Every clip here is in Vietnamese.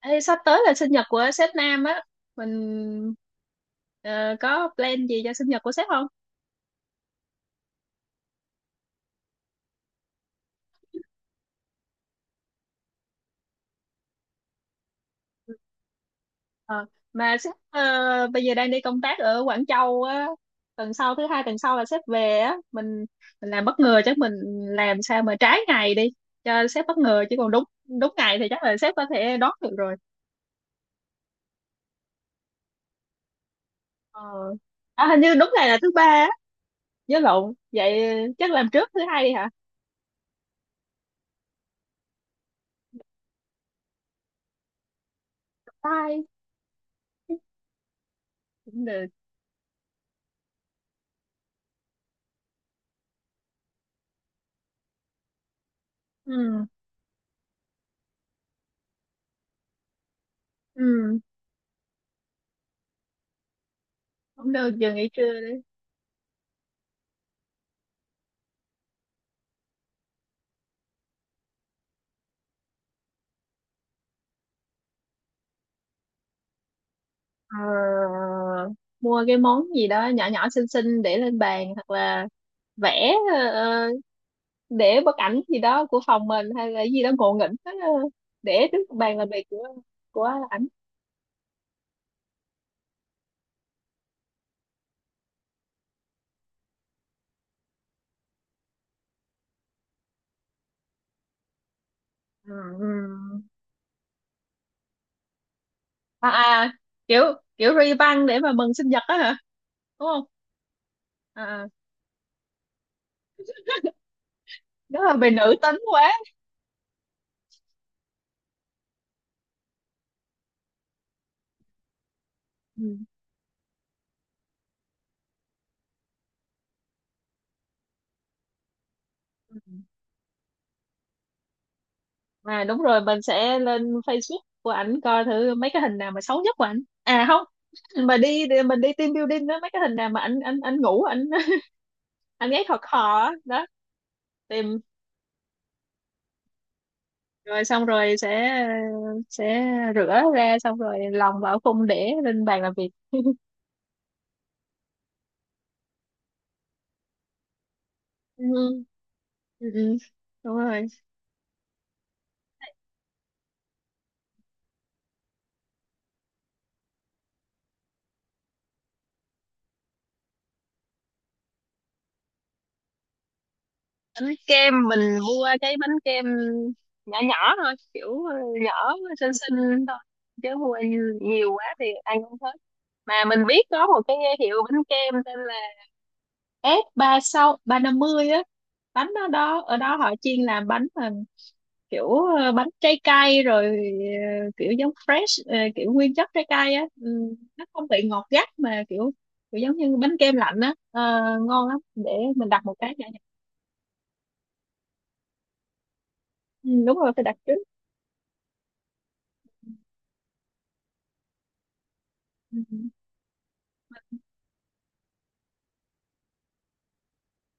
Ê, sắp tới là sinh nhật của sếp Nam á. Mình có plan gì cho sinh nhật của sếp không? Ừ. Ờ, mà sếp bây giờ đang đi công tác ở Quảng Châu á. Tuần sau, thứ hai tuần sau là sếp về á. Mình làm bất ngờ, chắc mình làm sao mà trái ngày đi cho sếp bất ngờ, chứ còn đúng đúng ngày thì chắc là sếp có thể đón được rồi. Ờ. À, hình như đúng ngày là thứ ba á, nhớ lộn vậy. Chắc làm trước thứ hai đi hả? Bye. Cũng được. Ừ. Ừ, cũng được, giờ nghỉ trưa đấy. Ờ, mua cái món gì đó nhỏ nhỏ xinh xinh để lên bàn, hoặc là vẽ để bức ảnh gì đó của phòng mình hay là gì đó ngộ nghĩnh đó, để trước bàn làm việc của của ảnh. Ừ. Ừ. À, à, kiểu kiểu ri băng để mà mừng sinh nhật á hả? Đúng không? À, à. Rất là về nữ tính quá. Ừ. À đúng rồi, mình sẽ lên Facebook của ảnh coi thử mấy cái hình nào mà xấu nhất của ảnh. À không, mà đi đi- mình đi team building đó, mấy cái hình nào mà ảnh ảnh ảnh ngủ ảnh ảnh ấy khò khò á, đó. Tìm. Rồi xong rồi sẽ sẽ rửa ra, xong rồi lòng vào khung để lên bàn làm việc ừ, ừ, ừ, đúng rồi. Bánh kem, mình mua cái bánh kem nhỏ nhỏ thôi, kiểu nhỏ xinh xinh thôi, chứ mua nhiều quá thì ăn không hết. Mà mình biết có một cái hiệu bánh kem tên là F3650 á. Bánh ở đó, họ chuyên làm bánh mà kiểu bánh trái cây, rồi kiểu giống fresh, kiểu nguyên chất trái cây á. Ừ, nó không bị ngọt gắt mà kiểu kiểu giống như bánh kem lạnh á. Ờ, ngon lắm, để mình đặt một cái nhỏ nhỏ. Ừ, đúng rồi, phải đặt trước. Ừ.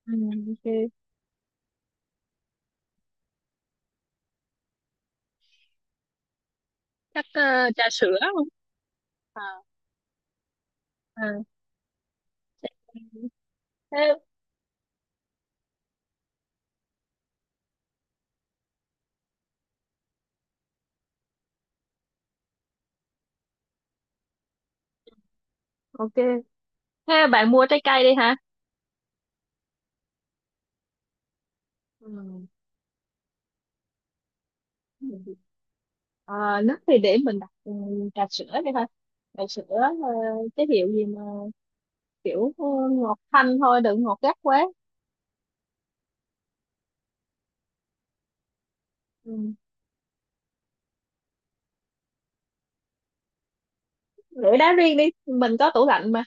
Ừ, ok. Chắc trà sữa không? À, à, thế, ok. Thế bạn mua trái cây đi hả? Ừ. À, nước thì để mình đặt trà sữa đi thôi. Trà sữa cái hiệu gì mà kiểu ngọt thanh thôi, đừng ngọt gắt quá. Ừ. Để đá riêng đi, mình có tủ lạnh mà.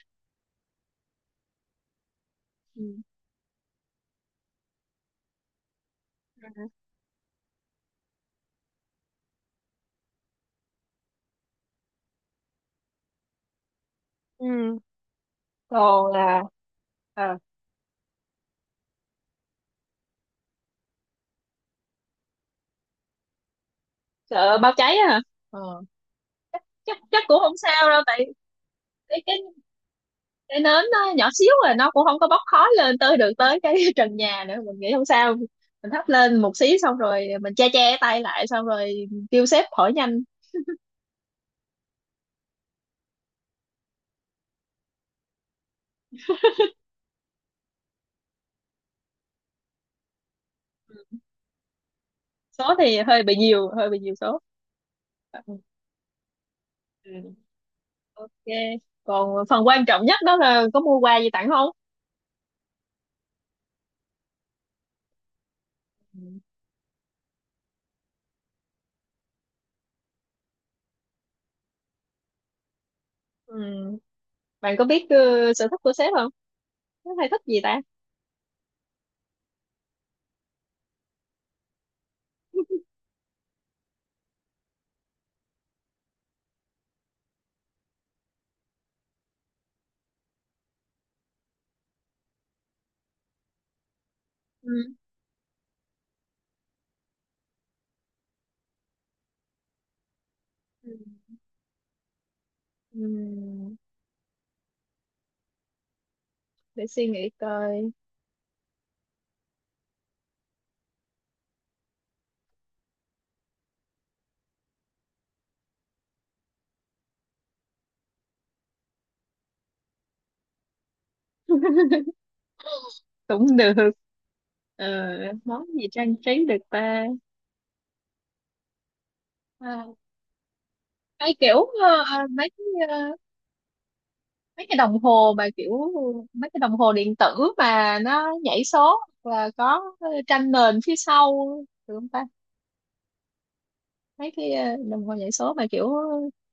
Ừ. Ừ. Còn là, à, sợ bao cháy á hả? Ờ. Chắc chắc cũng không sao đâu, tại cái cái nến nó nhỏ xíu, rồi nó cũng không có bốc khói lên tới được tới cái trần nhà nữa, mình nghĩ không sao. Mình thắp lên một xí, xong rồi mình che che tay lại, xong rồi kêu sếp hỏi nhanh. Số thì hơi bị nhiều, hơi bị nhiều số. Ừ. Ừ. Ok, còn phần quan trọng nhất đó là có mua quà gì tặng không? Ừ. Ừ. Bạn có biết sở thích của sếp không? Nó hay thích gì ta? Ừ. Ừ. Ừ. Để suy nghĩ coi. Cũng được. Ờ, món gì trang trí được ta? Hay kiểu ờ, mấy cái, mấy cái đồng hồ mà kiểu mấy cái đồng hồ điện tử mà nó nhảy số và có tranh nền phía sau, được không ta? Mấy cái đồng hồ nhảy số mà kiểu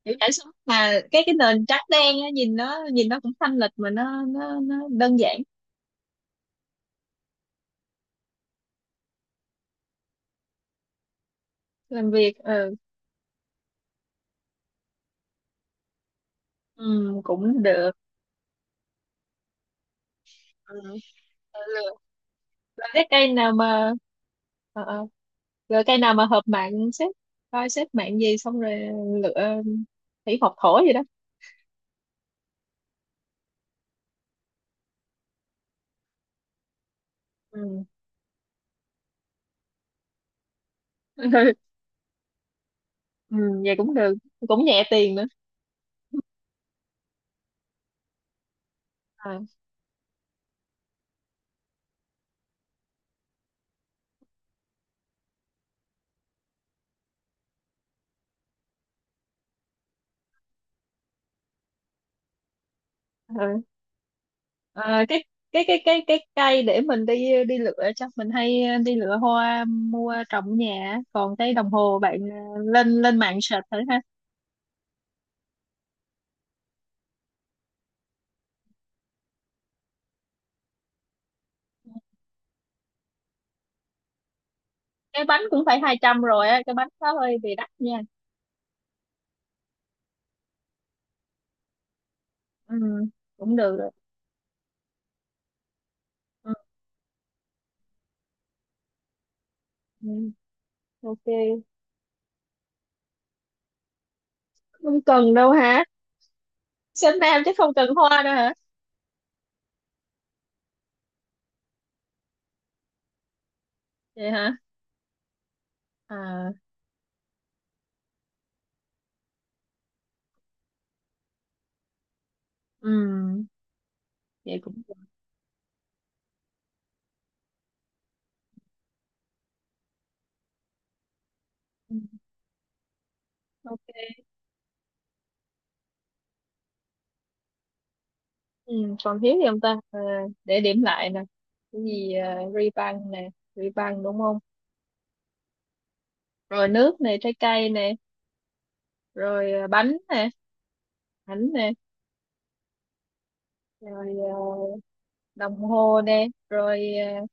kiểu nhảy số mà cái nền trắng đen á, nhìn nó, cũng thanh lịch mà nó đơn giản. Làm việc. Ừ, ừ cũng được. Ừ. Ừ. Rồi cái cây nào mà ờ, ờ. Rồi cây nào mà hợp mạng xếp, coi xếp mạng gì xong rồi lựa thủy học thổ gì đó. Ừ. Ừ, vậy cũng được, cũng nhẹ tiền nữa. À, à, cái cây để mình đi đi lựa, chắc mình hay đi lựa hoa mua trồng ở nhà á. Còn cái đồng hồ bạn lên lên mạng search thử ha. Cái bánh cũng phải 200 rồi á, cái bánh đó hơi bị đắt nha. Ừ, cũng được rồi. Ừ, ừ, ok. Không cần đâu hả? Sinh nam chứ không cần hoa nữa hả? Vậy hả? À, ừm, vậy cũng được. Ừm, ok. Còn thiếu gì không ta? Ờ, để điểm lại nè. Cái gì? Ri băng nè, ri băng đúng không? Rồi nước nè, trái cây nè. Rồi bánh nè, bánh nè. Rồi đồng hồ nè. Rồi ờ,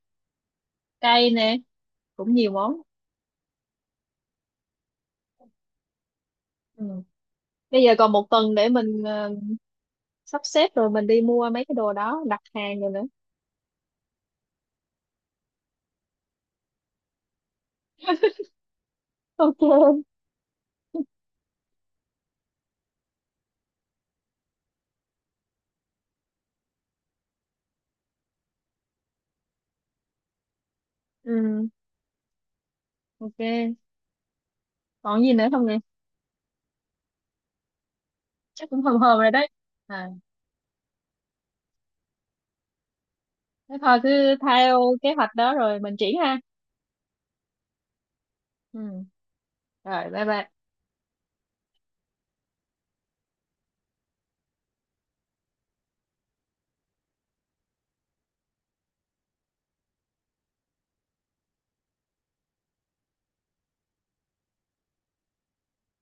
cây nè, cũng nhiều món. Ừm, bây giờ còn một tuần để mình sắp xếp, rồi mình đi mua mấy cái đồ đó, đặt hàng rồi nữa. Ok. Ừm, ok, còn gì nữa không nhỉ? Chắc cũng hòm hòm rồi đấy. À, thế thôi cứ theo kế hoạch đó rồi mình triển ha. Ừ, rồi bye bye.